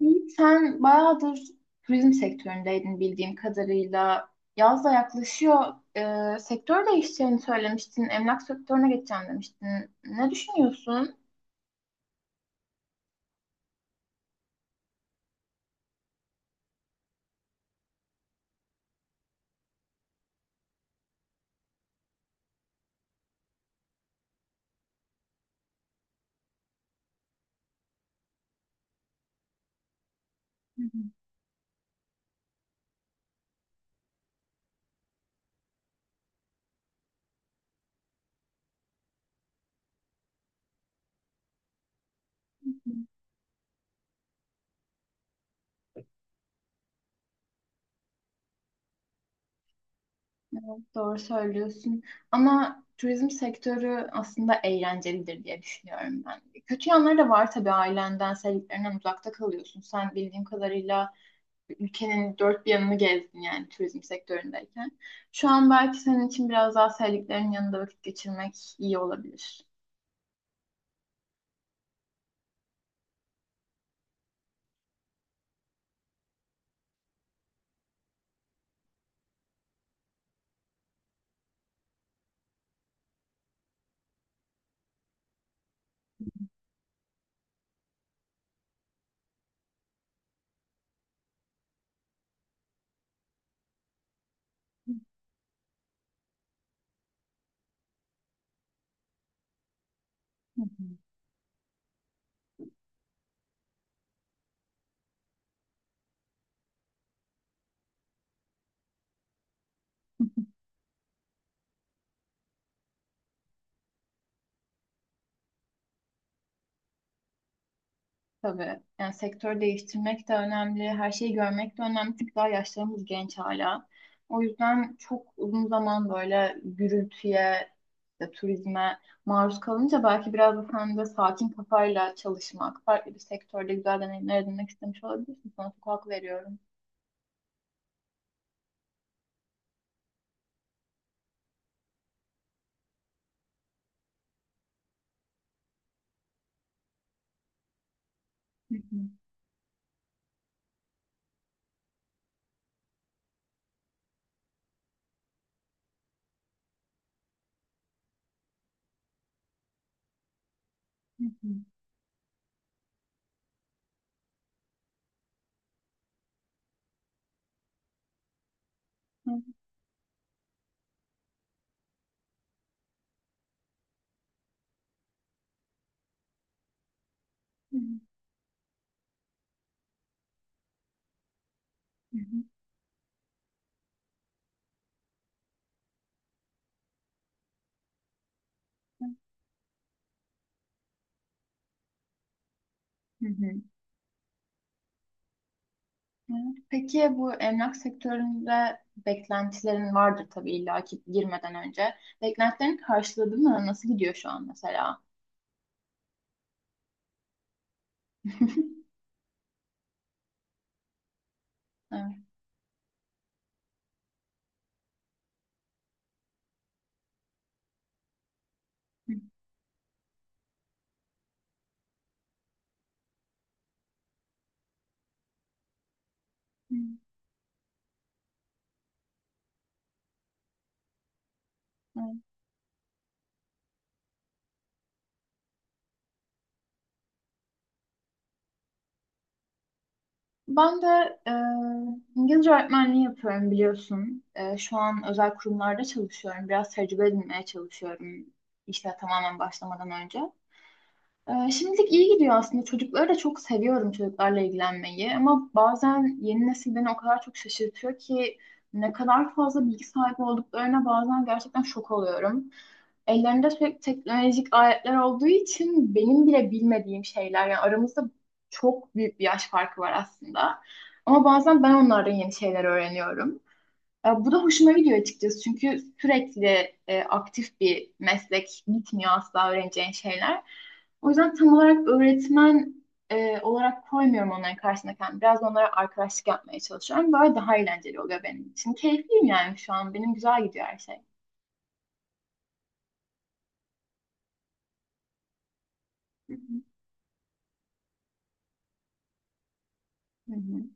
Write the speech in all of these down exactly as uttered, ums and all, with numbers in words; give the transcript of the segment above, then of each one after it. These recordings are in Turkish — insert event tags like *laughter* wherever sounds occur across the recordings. Yiğit, sen bayağıdır turizm sektöründeydin bildiğim kadarıyla. Yaz da yaklaşıyor. Ee, sektör değişeceğini söylemiştin. Emlak sektörüne geçeceğim demiştin. Ne düşünüyorsun? Hı hı. Evet, doğru söylüyorsun. Ama turizm sektörü aslında eğlencelidir diye düşünüyorum ben. Kötü yanları da var tabii ailenden, sevdiklerinden uzakta kalıyorsun. Sen bildiğim kadarıyla ülkenin dört bir yanını gezdin yani turizm sektöründeyken. Şu an belki senin için biraz daha sevdiklerinin yanında vakit geçirmek iyi olabilir. Hı hı. Tabii. Yani sektör değiştirmek de önemli, her şeyi görmek de önemli. Çünkü daha yaşlarımız genç hala. O yüzden çok uzun zaman böyle gürültüye, işte turizme maruz kalınca belki biraz da sen de sakin kafayla çalışmak, farklı bir sektörde güzel deneyimler edinmek istemiş olabilirsin. Sana çok hak veriyorum. Hı hı, hı hı. Evet. Hı hı. Hı hı. Evet. Peki bu emlak sektöründe beklentilerin vardır tabii illa ki girmeden önce. Beklentilerin karşıladı mı? Nasıl gidiyor şu an mesela? *laughs* Evet. Hı hı. Evet. Ben de e, İngilizce öğretmenliği yapıyorum biliyorsun. E, şu an özel kurumlarda çalışıyorum. Biraz tecrübe edinmeye çalışıyorum işe tamamen başlamadan önce. Ee, şimdilik iyi gidiyor aslında. Çocukları da çok seviyorum çocuklarla ilgilenmeyi. Ama bazen yeni nesil beni o kadar çok şaşırtıyor ki ne kadar fazla bilgi sahibi olduklarına bazen gerçekten şok oluyorum. Ellerinde sürekli teknolojik aletler olduğu için benim bile bilmediğim şeyler yani aramızda çok büyük bir yaş farkı var aslında. Ama bazen ben onlardan yeni şeyler öğreniyorum. E, Bu da hoşuma gidiyor açıkçası çünkü sürekli e, aktif bir meslek bitmiyor asla öğreneceğin şeyler. O yüzden tam olarak öğretmen e, olarak koymuyorum onların karşısına kendimi. Biraz onlara arkadaşlık yapmaya çalışıyorum. Böyle daha eğlenceli oluyor benim için. Keyifliyim yani şu an. Benim güzel gidiyor her şey. Hı hı. Hı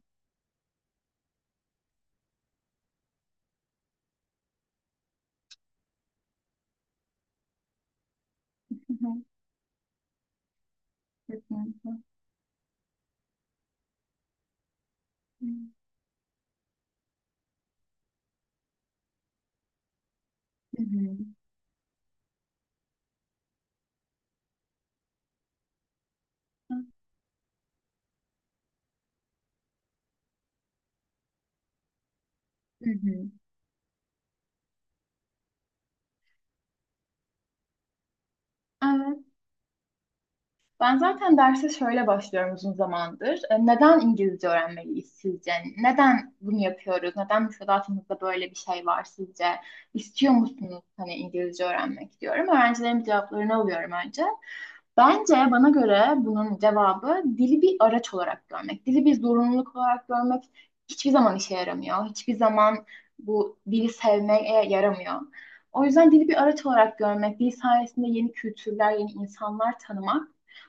hı. Hı hı. Hı hı. Hı hı. Hı hı. Ben zaten derse şöyle başlıyorum uzun zamandır. E, Neden İngilizce öğrenmeliyiz sizce? Neden bunu yapıyoruz? Neden müfredatımızda böyle bir şey var sizce? İstiyor musunuz hani İngilizce öğrenmek diyorum. Öğrencilerin cevaplarını alıyorum önce. Bence bana göre bunun cevabı dili bir araç olarak görmek, dili bir zorunluluk olarak görmek hiçbir zaman işe yaramıyor. Hiçbir zaman bu dili sevmeye yaramıyor. O yüzden dili bir araç olarak görmek, dil sayesinde yeni kültürler, yeni insanlar tanımak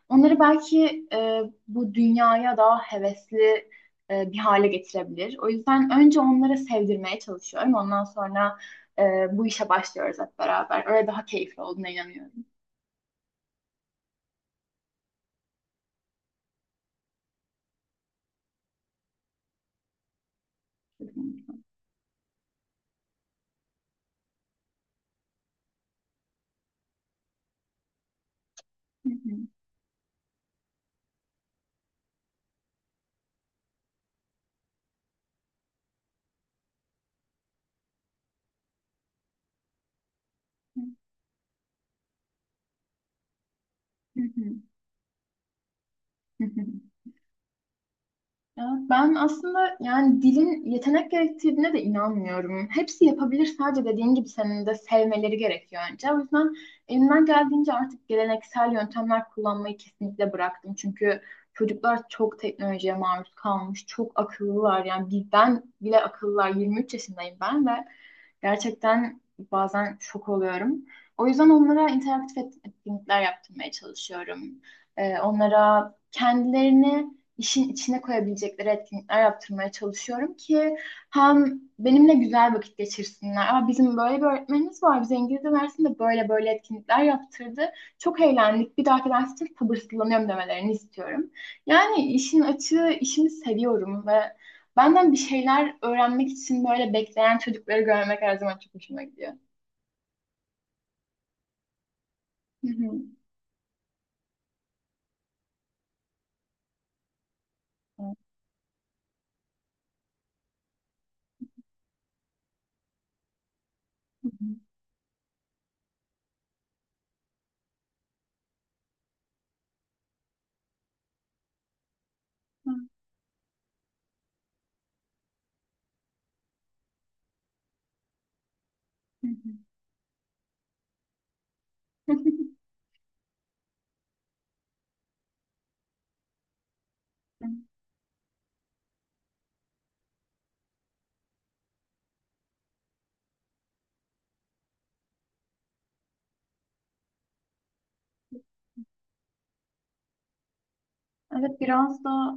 onları belki e, bu dünyaya daha hevesli e, bir hale getirebilir. O yüzden önce onları sevdirmeye çalışıyorum. Ondan sonra e, bu işe başlıyoruz hep beraber. Öyle daha keyifli olduğuna inanıyorum. Hı hı. Hı hı. Hı hı. Hı hı. Ya ben aslında yani dilin yetenek gerektirdiğine de inanmıyorum. Hepsi yapabilir sadece dediğin gibi senin de sevmeleri gerekiyor önce. O yüzden elimden geldiğince artık geleneksel yöntemler kullanmayı kesinlikle bıraktım. Çünkü çocuklar çok teknolojiye maruz kalmış, çok akıllılar. Yani bizden bile akıllılar. yirmi üç yaşındayım ben ve gerçekten bazen şok oluyorum. O yüzden onlara interaktif et- etkinlikler yaptırmaya çalışıyorum. Ee, onlara kendilerini işin içine koyabilecekleri etkinlikler yaptırmaya çalışıyorum ki hem benimle güzel vakit geçirsinler. Aa, bizim böyle bir öğretmenimiz var. Bize İngilizce dersinde böyle böyle etkinlikler yaptırdı. Çok eğlendik. Bir dahaki ders için sabırsızlanıyorum demelerini istiyorum. Yani işin açığı işimi seviyorum ve benden bir şeyler öğrenmek için böyle bekleyen çocukları görmek her zaman çok hoşuma gidiyor. Hı hı. Hı hı. Hı hı. *laughs* Evet, biraz da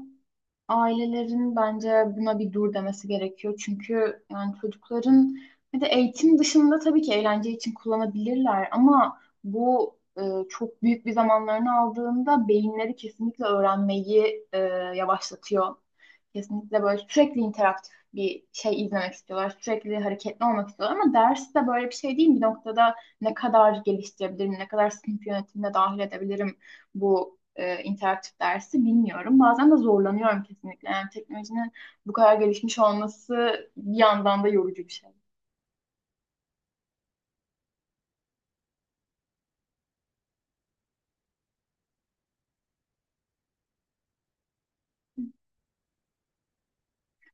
ailelerin bence buna bir dur demesi gerekiyor. Çünkü yani çocukların bir de eğitim dışında tabii ki eğlence için kullanabilirler ama bu e, çok büyük bir zamanlarını aldığında beyinleri kesinlikle öğrenmeyi e, yavaşlatıyor. Kesinlikle böyle sürekli interaktif bir şey izlemek istiyorlar. Sürekli hareketli olmak istiyorlar ama ders de böyle bir şey değil. Bir noktada ne kadar geliştirebilirim, ne kadar sınıf yönetimine dahil edebilirim bu e, interaktif dersi bilmiyorum. Bazen de zorlanıyorum kesinlikle. Yani teknolojinin bu kadar gelişmiş olması bir yandan da yorucu bir şey.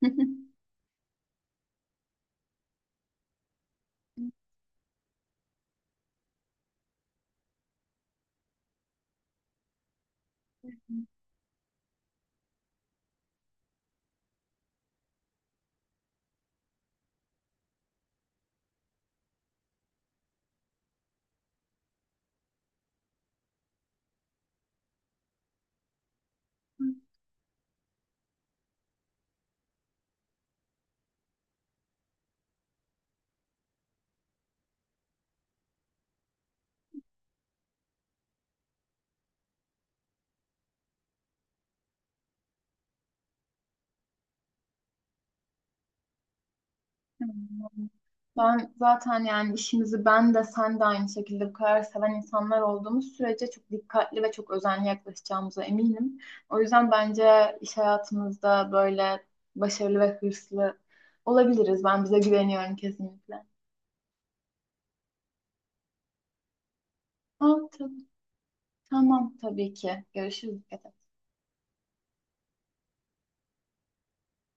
*laughs* Ben zaten yani işimizi ben de sen de aynı şekilde bu kadar seven insanlar olduğumuz sürece çok dikkatli ve çok özenli yaklaşacağımıza eminim. O yüzden bence iş hayatımızda böyle başarılı ve hırslı olabiliriz. Ben bize güveniyorum kesinlikle. Ha, tabii, tamam tabii ki. Görüşürüz.